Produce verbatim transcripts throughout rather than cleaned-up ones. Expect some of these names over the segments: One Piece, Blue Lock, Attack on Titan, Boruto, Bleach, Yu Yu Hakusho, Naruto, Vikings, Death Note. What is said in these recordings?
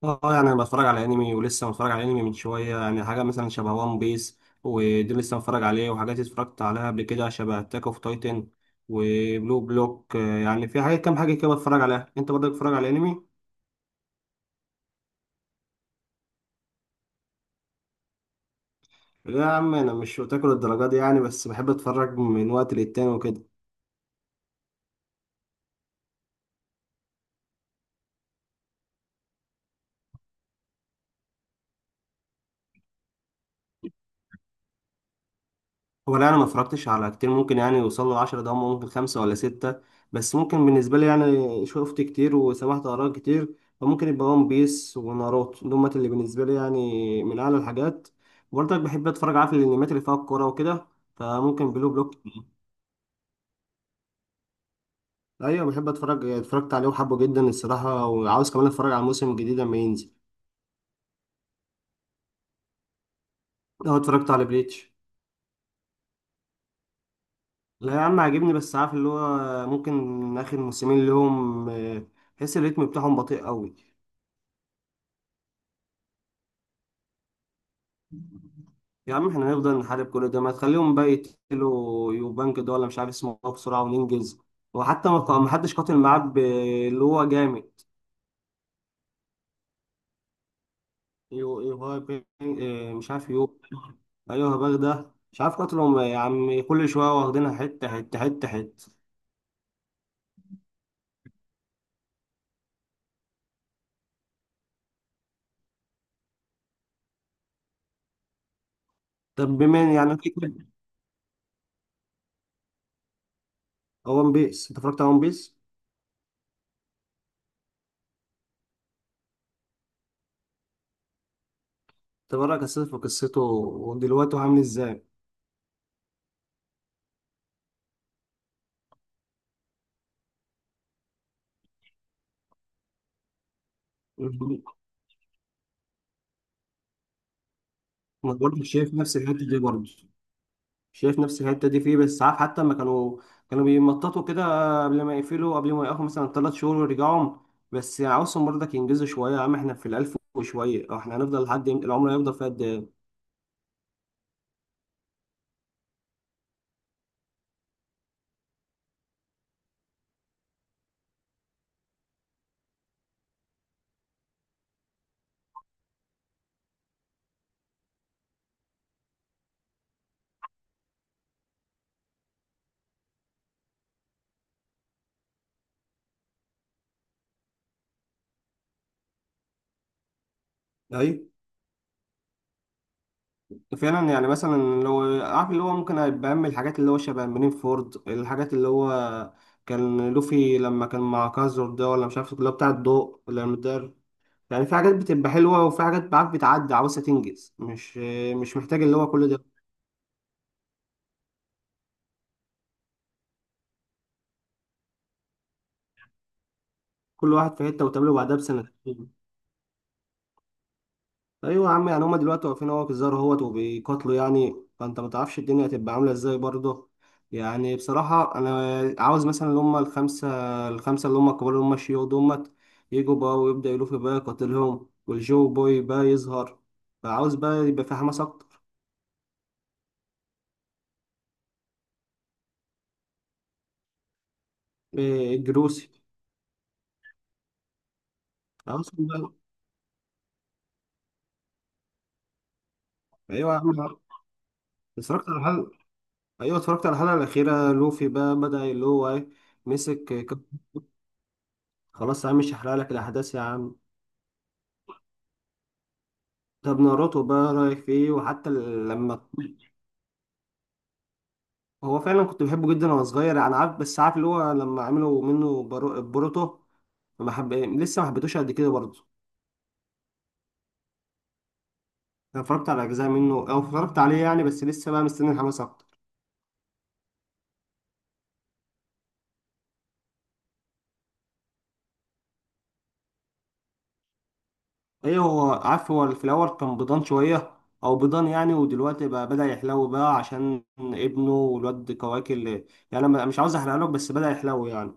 اه، يعني انا بتفرج على انمي ولسه متفرج على انمي من شويه. يعني حاجه مثلا شبه وان بيس ودي لسه متفرج عليه، وحاجات اتفرجت عليها قبل كده شبه اتاك اوف تايتن وبلو بلوك. آه، يعني في حاجات كام حاجه كده بتفرج عليها. انت برضك بتتفرج على انمي؟ لا يا عم، انا مش بتاكل الدرجات دي يعني، بس بحب اتفرج من وقت للتاني وكده. هو لا، انا ما اتفرجتش على كتير، ممكن يعني يوصل له عشرة. ده هم ممكن خمسة ولا ستة، بس ممكن بالنسبة لي يعني شفت كتير وسمعت آراء كتير، فممكن يبقى ون بيس وناروتو، دول اللي بالنسبة لي يعني من أعلى الحاجات. وبرضك بحب أتفرج، عارف الأنميات اللي فيها الكورة وكده، فممكن بلو بلوك. أيوة بحب أتفرج، اتفرجت عليه وحبه جدا الصراحة، وعاوز كمان أتفرج على الموسم الجديد لما ينزل. أه، اتفرجت على بليتش. لا يا عم عاجبني، بس عارف اللي هو ممكن آخر موسمين لهم، آه، تحس الريتم بتاعهم بطيء أوي. يا عم احنا هنفضل نحارب كل ده، ما تخليهم بقى يقتلوا يوبانج ده ولا مش عارف اسمه ايه بسرعة وننجز. وحتى ما ما حدش قاتل معاه ب- اللي هو جامد. يو يو هاي بي- اه مش عارف يو. ايوه هباغ ده مش عارف، قاتلهم يا عم، كل شوية واخدينها حتة حتة حتة حتة. طب بما إن يعني في كده. ون بيس، انت اتفرجت على ون بيس؟ تبرك قصته، في قصته ودلوقتي هو عامل ازاي؟ ما برضه شايف نفس الحتة دي برضه شايف نفس الحته دي فيه، بس عارف حتى لما كانوا كانوا بيمططوا كده قبل ما يقفلوا قبل ما يقفوا مثلا ثلاث شهور ويرجعوا. بس يعني عاوزهم برضك ينجزوا شويه. يا عم احنا في الالف وشويه، أو احنا هنفضل لحد امتى؟ العمر هيفضل فيها قد ايه؟ اي، فعلا. يعني مثلا لو عارف اللي هو ممكن هيبقى أهم الحاجات، اللي هو شبه منين فورد، الحاجات اللي هو كان لوفي لما كان مع كازر ده، ولا مش عارف اللي هو بتاع الضوء ولا المدار. يعني في حاجات بتبقى حلوة وفي حاجات عارف بتعدي عاوزة تنجز، مش مش محتاج اللي هو كل ده. كل واحد في حته وتقابله بعدها بسنتين. ايوه يا عم، يعني هما دلوقتي واقفين اهو في الزار اهوت وبيقاتلوا، يعني فانت ما تعرفش الدنيا هتبقى عامله ازاي برضه. يعني بصراحه انا عاوز مثلا اللي هما الخمسه، الخمسه اللي هما الكبار، اللي هما الشيوخ دومت يجوا بقى ويبدا يلف بقى يقاتلهم، والجو بوي بقى يظهر، فعاوز بقى يبقى في حماس اكتر. إيه، الجروسي. عاوز بقى. ايوه يا عم، اتفرجت على الحلقه. ايوه اتفرجت على الحلقه الاخيره، لوفي بقى بدا اللي هو ايه، مسك. خلاص يا عم، مش هحرق لك الاحداث يا عم. طب ناروتو بقى رايك في ايه؟ وحتى ال- لما... هو فعلا كنت بحبه جدا وانا صغير انا عارف، بس عارف اللي هو لما عملوا منه برو... بوروتو، ما حب... لسه ما حبيتوش قد كده برضه. انا اتفرجت على اجزاء منه او اتفرجت عليه يعني، بس لسه بقى مستني الحماس اكتر. ايه، هو عارف هو في الاول كان بيضان شويه، او بيضان يعني. ودلوقتي بقى بدأ يحلو بقى عشان ابنه والواد كواكل اللي... يعني انا مش عاوز احرق لك، بس بدأ يحلو يعني.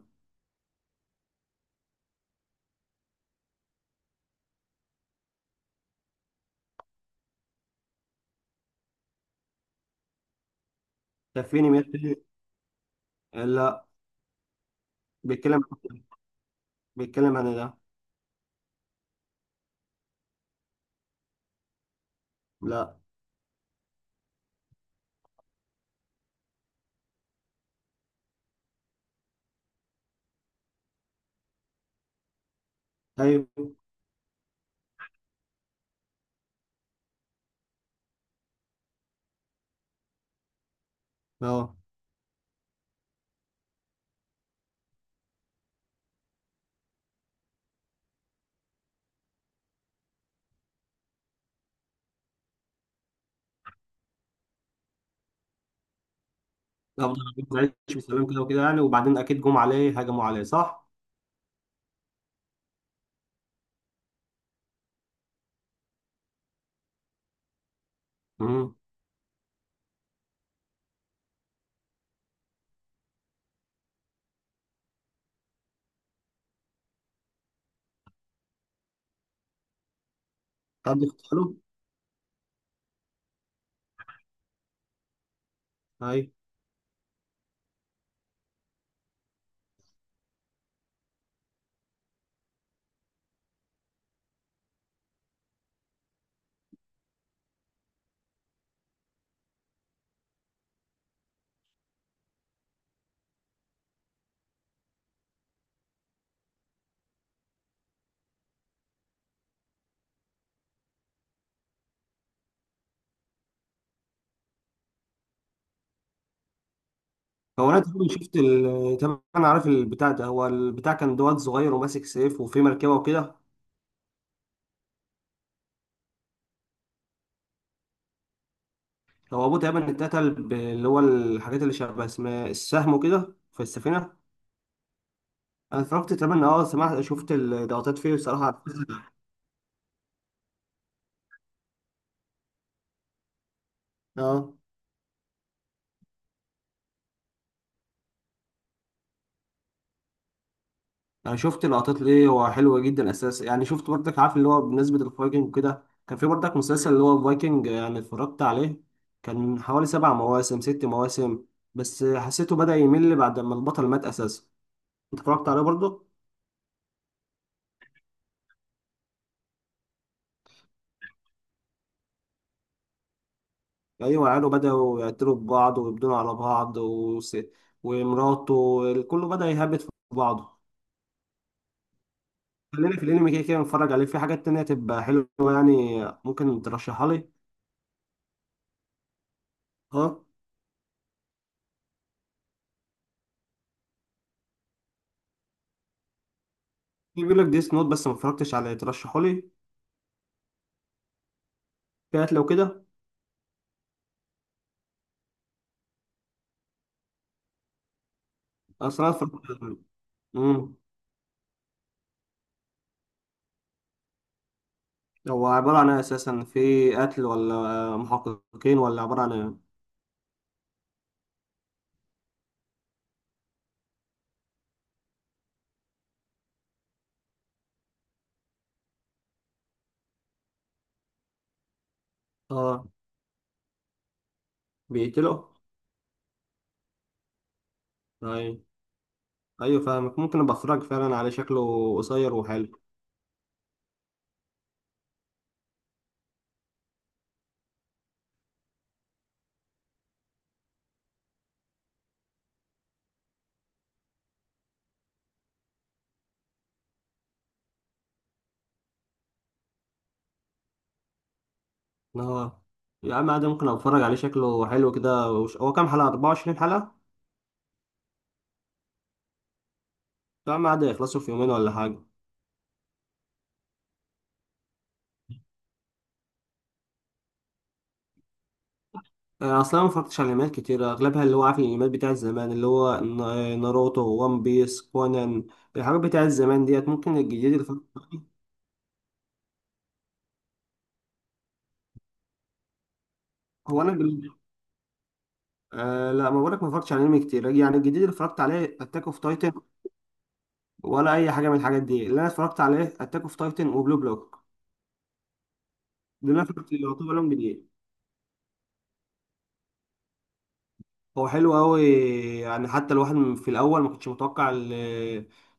ده في انميات تانية؟ لا. بيتكلم بيتكلم عن إيه ده؟ لا. ايوه. اه، افضل أكل عيش وسلام كده وكده يعني، وبعدين اكيد جم عليه، هجموا عليه صح؟ امم. حد اغتاله؟ اي. هو انا تقريبا شفت ال... تقريبا انا عارف البتاع ده. هو البتاع كان دوت صغير وماسك سيف وفي مركبه وكده. هو ابوه تقريبا اتقتل ب- اللي هو الحاجات اللي شبه اسم السهم وكده في السفينه. انا اتفرجت تقريبا، اه سمعت شفت الضغطات فيه بصراحه. اه انا شفت لقطات ليه، هو حلوه جدا اساسا. يعني شفت برضك عارف اللي هو بمناسبه الفايكنج وكده، كان في برضك مسلسل اللي هو الفايكنج يعني اتفرجت عليه. كان من حوالي سبع مواسم ست مواسم، بس حسيته بدأ يمل بعد ما البطل مات اساسا. انت اتفرجت عليه برضه؟ ايوه، عياله بدأوا يقتلوا في بعض ويبدونوا على بعض وس... ومراته كله بدأ يهبط في بعضه. خلينا في الانمي كده كده، نتفرج عليه في حاجات تانية تبقى حلوه يعني. ممكن ترشحها لي؟ اه. في بيقول لك ديس نوت بس ما اتفرجتش عليه، ترشحه لي كانت لو كده. أصل أنا اتفرجت. أمم. هو عبارة عن إيه أساسا، في قتل ولا محققين ولا عبارة عن إيه؟ آه، بيقتلوا. أيوة. أيوة فاهمك، ممكن أبقى أتفرج فعلا على، شكله قصير وحلو. آه، يا عم عادي ممكن أتفرج عليه، شكله حلو كده وش... هو كام حلقة، أربعة وعشرين حلقة؟ يا عم عادي، يخلصوا في يومين ولا حاجة. آه، أصل أنا مفرجتش على الأنميات كتير، أغلبها اللي هو عارف الأنميات بتاع زمان اللي هو نا- ناروتو وان بيس كونان، الحاجات بتاع الزمان ديت. ممكن الجديد اللي ف... هو أنا، أه لا ما بقولك ما اتفرجتش على انمي كتير يعني. الجديد اللي اتفرجت عليه اتاك اوف تايتن، ولا اي حاجه من الحاجات دي. اللي انا اتفرجت عليه اتاك اوف تايتن وبلو بلوك، دول انا اتفرجت اللي يعتبر لهم جديد. هو حلو قوي، يعني حتى الواحد في الاول ما كنتش متوقع ال-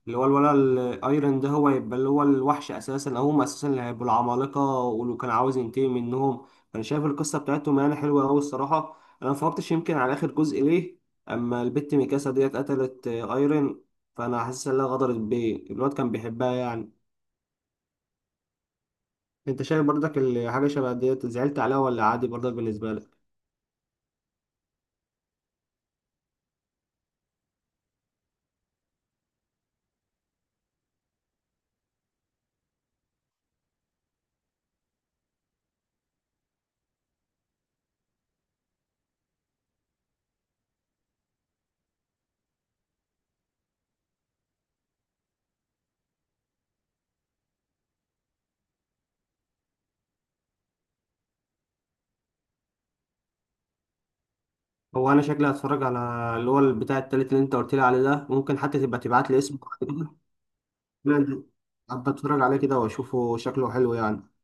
اللي هو الولا الايرن ده هو يبقى اللي هو الوحش اساسا، او هم اساسا اللي هيبقوا العمالقه ولو كان عاوز ينتقم منهم. انا شايف القصه بتاعتهم يعني حلوه قوي الصراحه. انا ما فكرتش يمكن على اخر جزء ليه. اما البت ميكاسا ديت قتلت آه، ايرن، فانا حاسس انها غدرت بيه، الواد كان بيحبها يعني. انت شايف برضك ال- حاجه شبه ديت زعلت عليها ولا عادي برضك بالنسبه لك؟ هو انا شكلي هتفرج على اللي هو بتاع التالت اللي انت قلت لي عليه ده، ممكن حتى تبقى تبعت لي اسمه. أنا ابقى اتفرج عليه كده واشوفه، شكله حلو يعني.